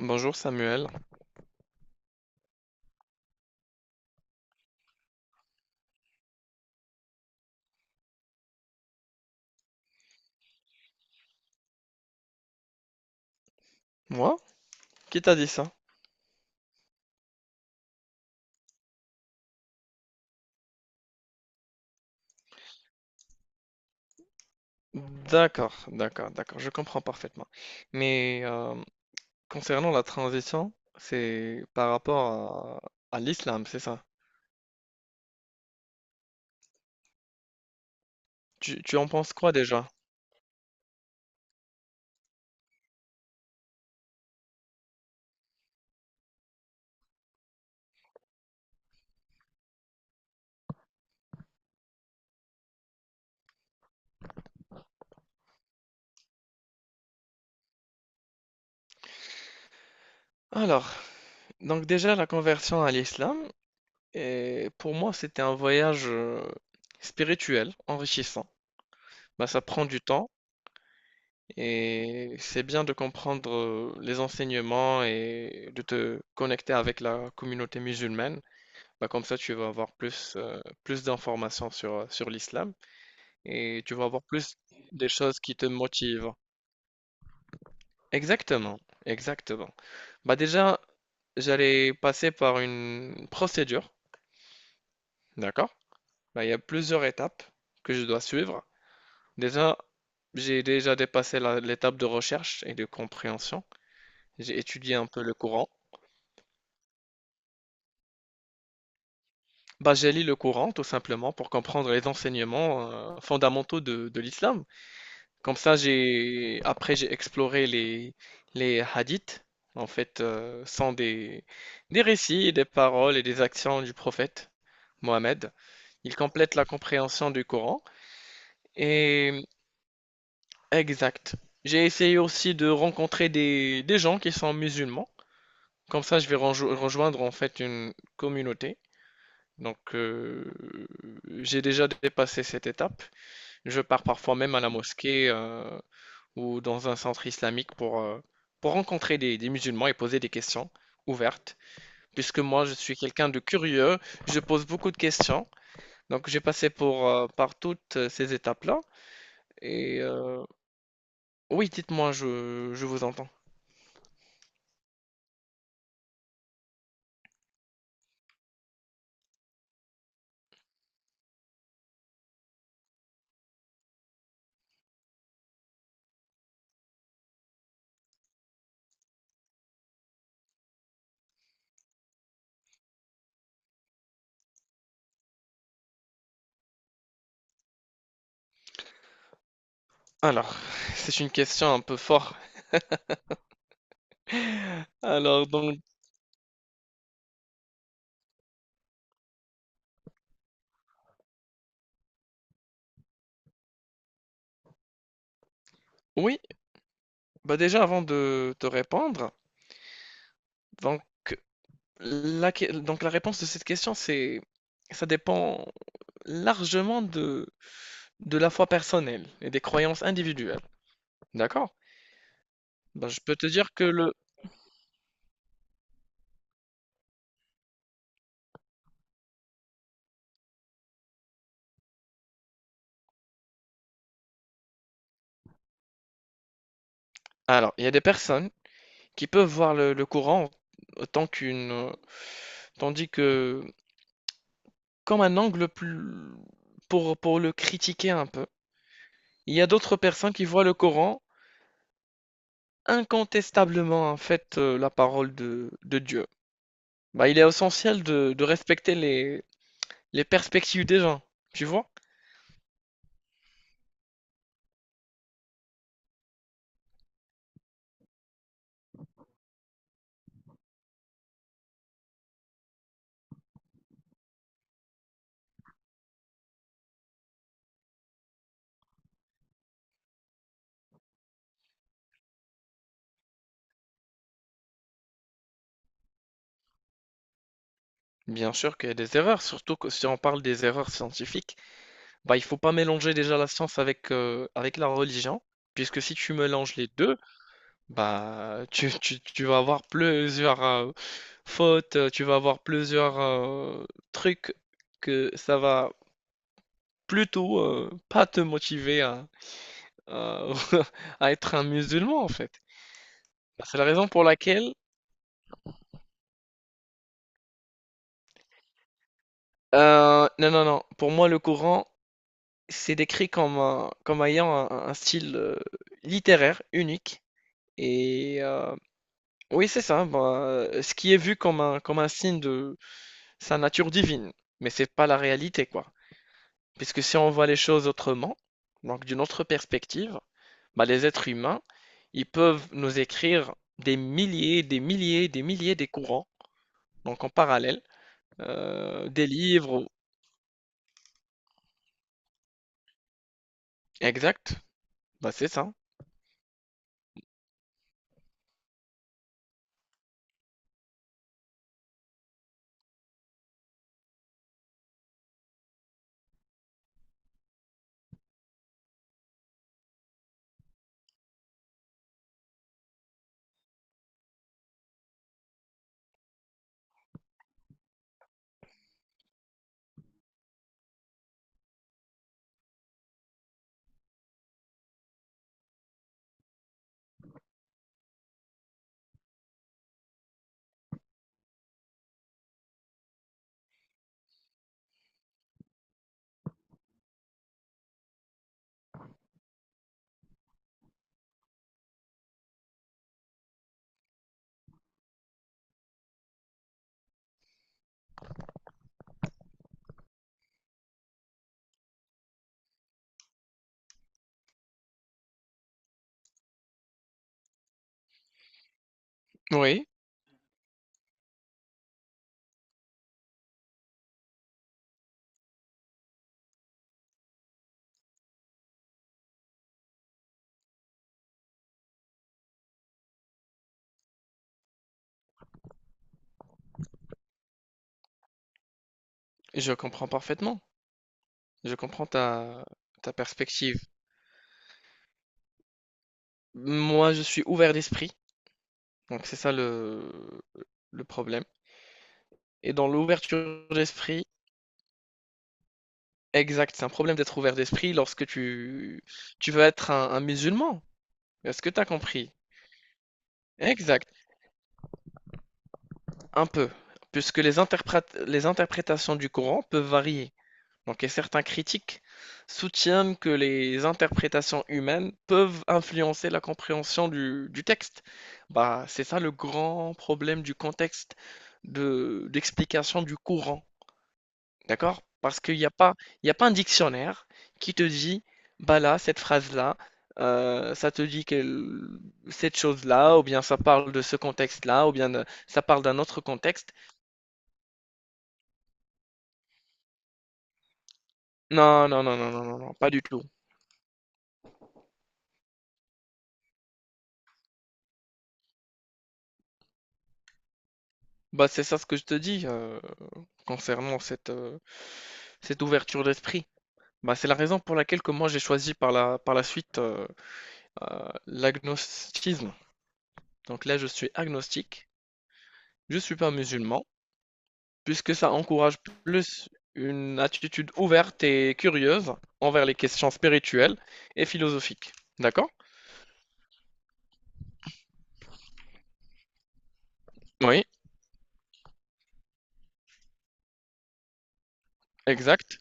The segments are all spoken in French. Bonjour Samuel. Moi? Qui t'a dit ça? D'accord, d'accord, d'accord, je comprends parfaitement. Mais concernant la transition, c'est par rapport à l'islam, c'est ça? Tu en penses quoi déjà? Alors, donc déjà la conversion à l'islam, et pour moi c'était un voyage spirituel, enrichissant. Bah, ça prend du temps et c'est bien de comprendre les enseignements et de te connecter avec la communauté musulmane. Bah, comme ça, tu vas avoir plus, plus d'informations sur, sur l'islam et tu vas avoir plus des choses qui te motivent. Exactement, exactement. Bah déjà, j'allais passer par une procédure, d'accord? Bah, il y a plusieurs étapes que je dois suivre. Déjà, j'ai déjà dépassé l'étape de recherche et de compréhension. J'ai étudié un peu le Coran. Bah, j'ai lu le Coran tout simplement pour comprendre les enseignements fondamentaux de l'islam. Comme ça, j'ai exploré les hadiths. En fait, sont des récits, et des paroles et des actions du prophète Mohammed. Ils complètent la compréhension du Coran. Et exact. J'ai essayé aussi de rencontrer des gens qui sont musulmans. Comme ça, je vais rejoindre en fait une communauté. Donc, j'ai déjà dépassé cette étape. Je pars parfois même à la mosquée. Ou dans un centre islamique pour rencontrer des musulmans et poser des questions ouvertes. Puisque moi, je suis quelqu'un de curieux, je pose beaucoup de questions. Donc, j'ai passé pour, par toutes ces étapes-là. Et oui, dites-moi, je vous entends. Alors, c'est une question un peu forte. Alors, donc, oui, bah déjà, avant de te répondre, donc, donc la réponse de cette question, c'est, ça dépend largement de la foi personnelle et des croyances individuelles, d'accord? Ben, je peux te dire que le alors, il y a des personnes qui peuvent voir le courant autant qu'une, tandis que comme un angle plus pour le critiquer un peu. Il y a d'autres personnes qui voient le Coran incontestablement, en fait, la parole de Dieu. Bah, il est essentiel de respecter les perspectives des gens, tu vois? Bien sûr qu'il y a des erreurs, surtout que si on parle des erreurs scientifiques. Bah, il faut pas mélanger déjà la science avec, avec la religion, puisque si tu mélanges les deux, bah, tu vas avoir plusieurs fautes, tu vas avoir plusieurs trucs que ça va plutôt pas te motiver à, à- à être un musulman, en fait. Bah, c'est la raison pour laquelle... non, non, non, pour moi, le Coran, c'est décrit comme, comme ayant un style littéraire unique. Et oui, c'est ça. Bah, ce qui est vu comme un signe de sa nature divine. Mais c'est pas la réalité, quoi. Puisque si on voit les choses autrement, donc d'une autre perspective, bah, les êtres humains, ils peuvent nous écrire des milliers, des milliers, des milliers des courants, donc en parallèle, des livres. Exact. Bah, c'est ça. Oui, je comprends parfaitement. Je comprends ta perspective. Moi, je suis ouvert d'esprit. Donc c'est ça le problème. Et dans l'ouverture d'esprit, exact, c'est un problème d'être ouvert d'esprit lorsque tu veux être un musulman. Est-ce que tu as compris? Exact, un peu. Puisque les les interprétations du Coran peuvent varier. Donc, et certains critiques soutiennent que les interprétations humaines peuvent influencer la compréhension du texte. Bah, c'est ça le grand problème du contexte de, d'explication du Coran. D'accord? Parce qu'il n'y a pas, il y a pas un dictionnaire qui te dit, bah là, cette phrase-là, ça te dit que cette chose-là, ou bien ça parle de ce contexte-là, ou bien ça parle d'un autre contexte. Non, non, non, non, non, non, non, pas du tout. Bah, c'est ça ce que je te dis concernant cette, cette ouverture d'esprit. Bah, c'est la raison pour laquelle que moi j'ai choisi par la suite l'agnosticisme. Donc là, je suis agnostique, je suis pas musulman, puisque ça encourage plus une attitude ouverte et curieuse envers les questions spirituelles et philosophiques. D'accord? Oui, exact.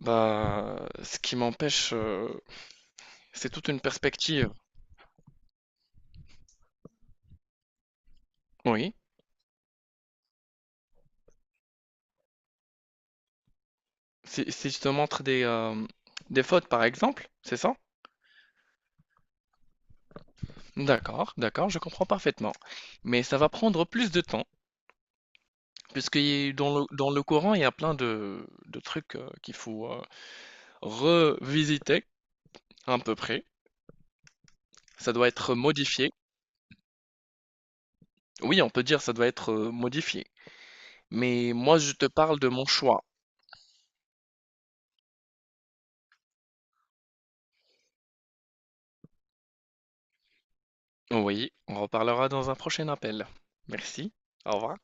Bah, ce qui m'empêche, c'est toute une perspective. Oui. Si, si je te montre des fautes, par exemple, c'est ça? D'accord, d'accord, je comprends parfaitement. Mais ça va prendre plus de temps, puisque y dans le courant, il y a plein de trucs qu'il faut revisiter, à peu près. Ça doit être modifié. Oui, on peut dire ça doit être, modifié. Mais moi, je te parle de mon choix. Oui, on reparlera dans un prochain appel. Merci, au revoir.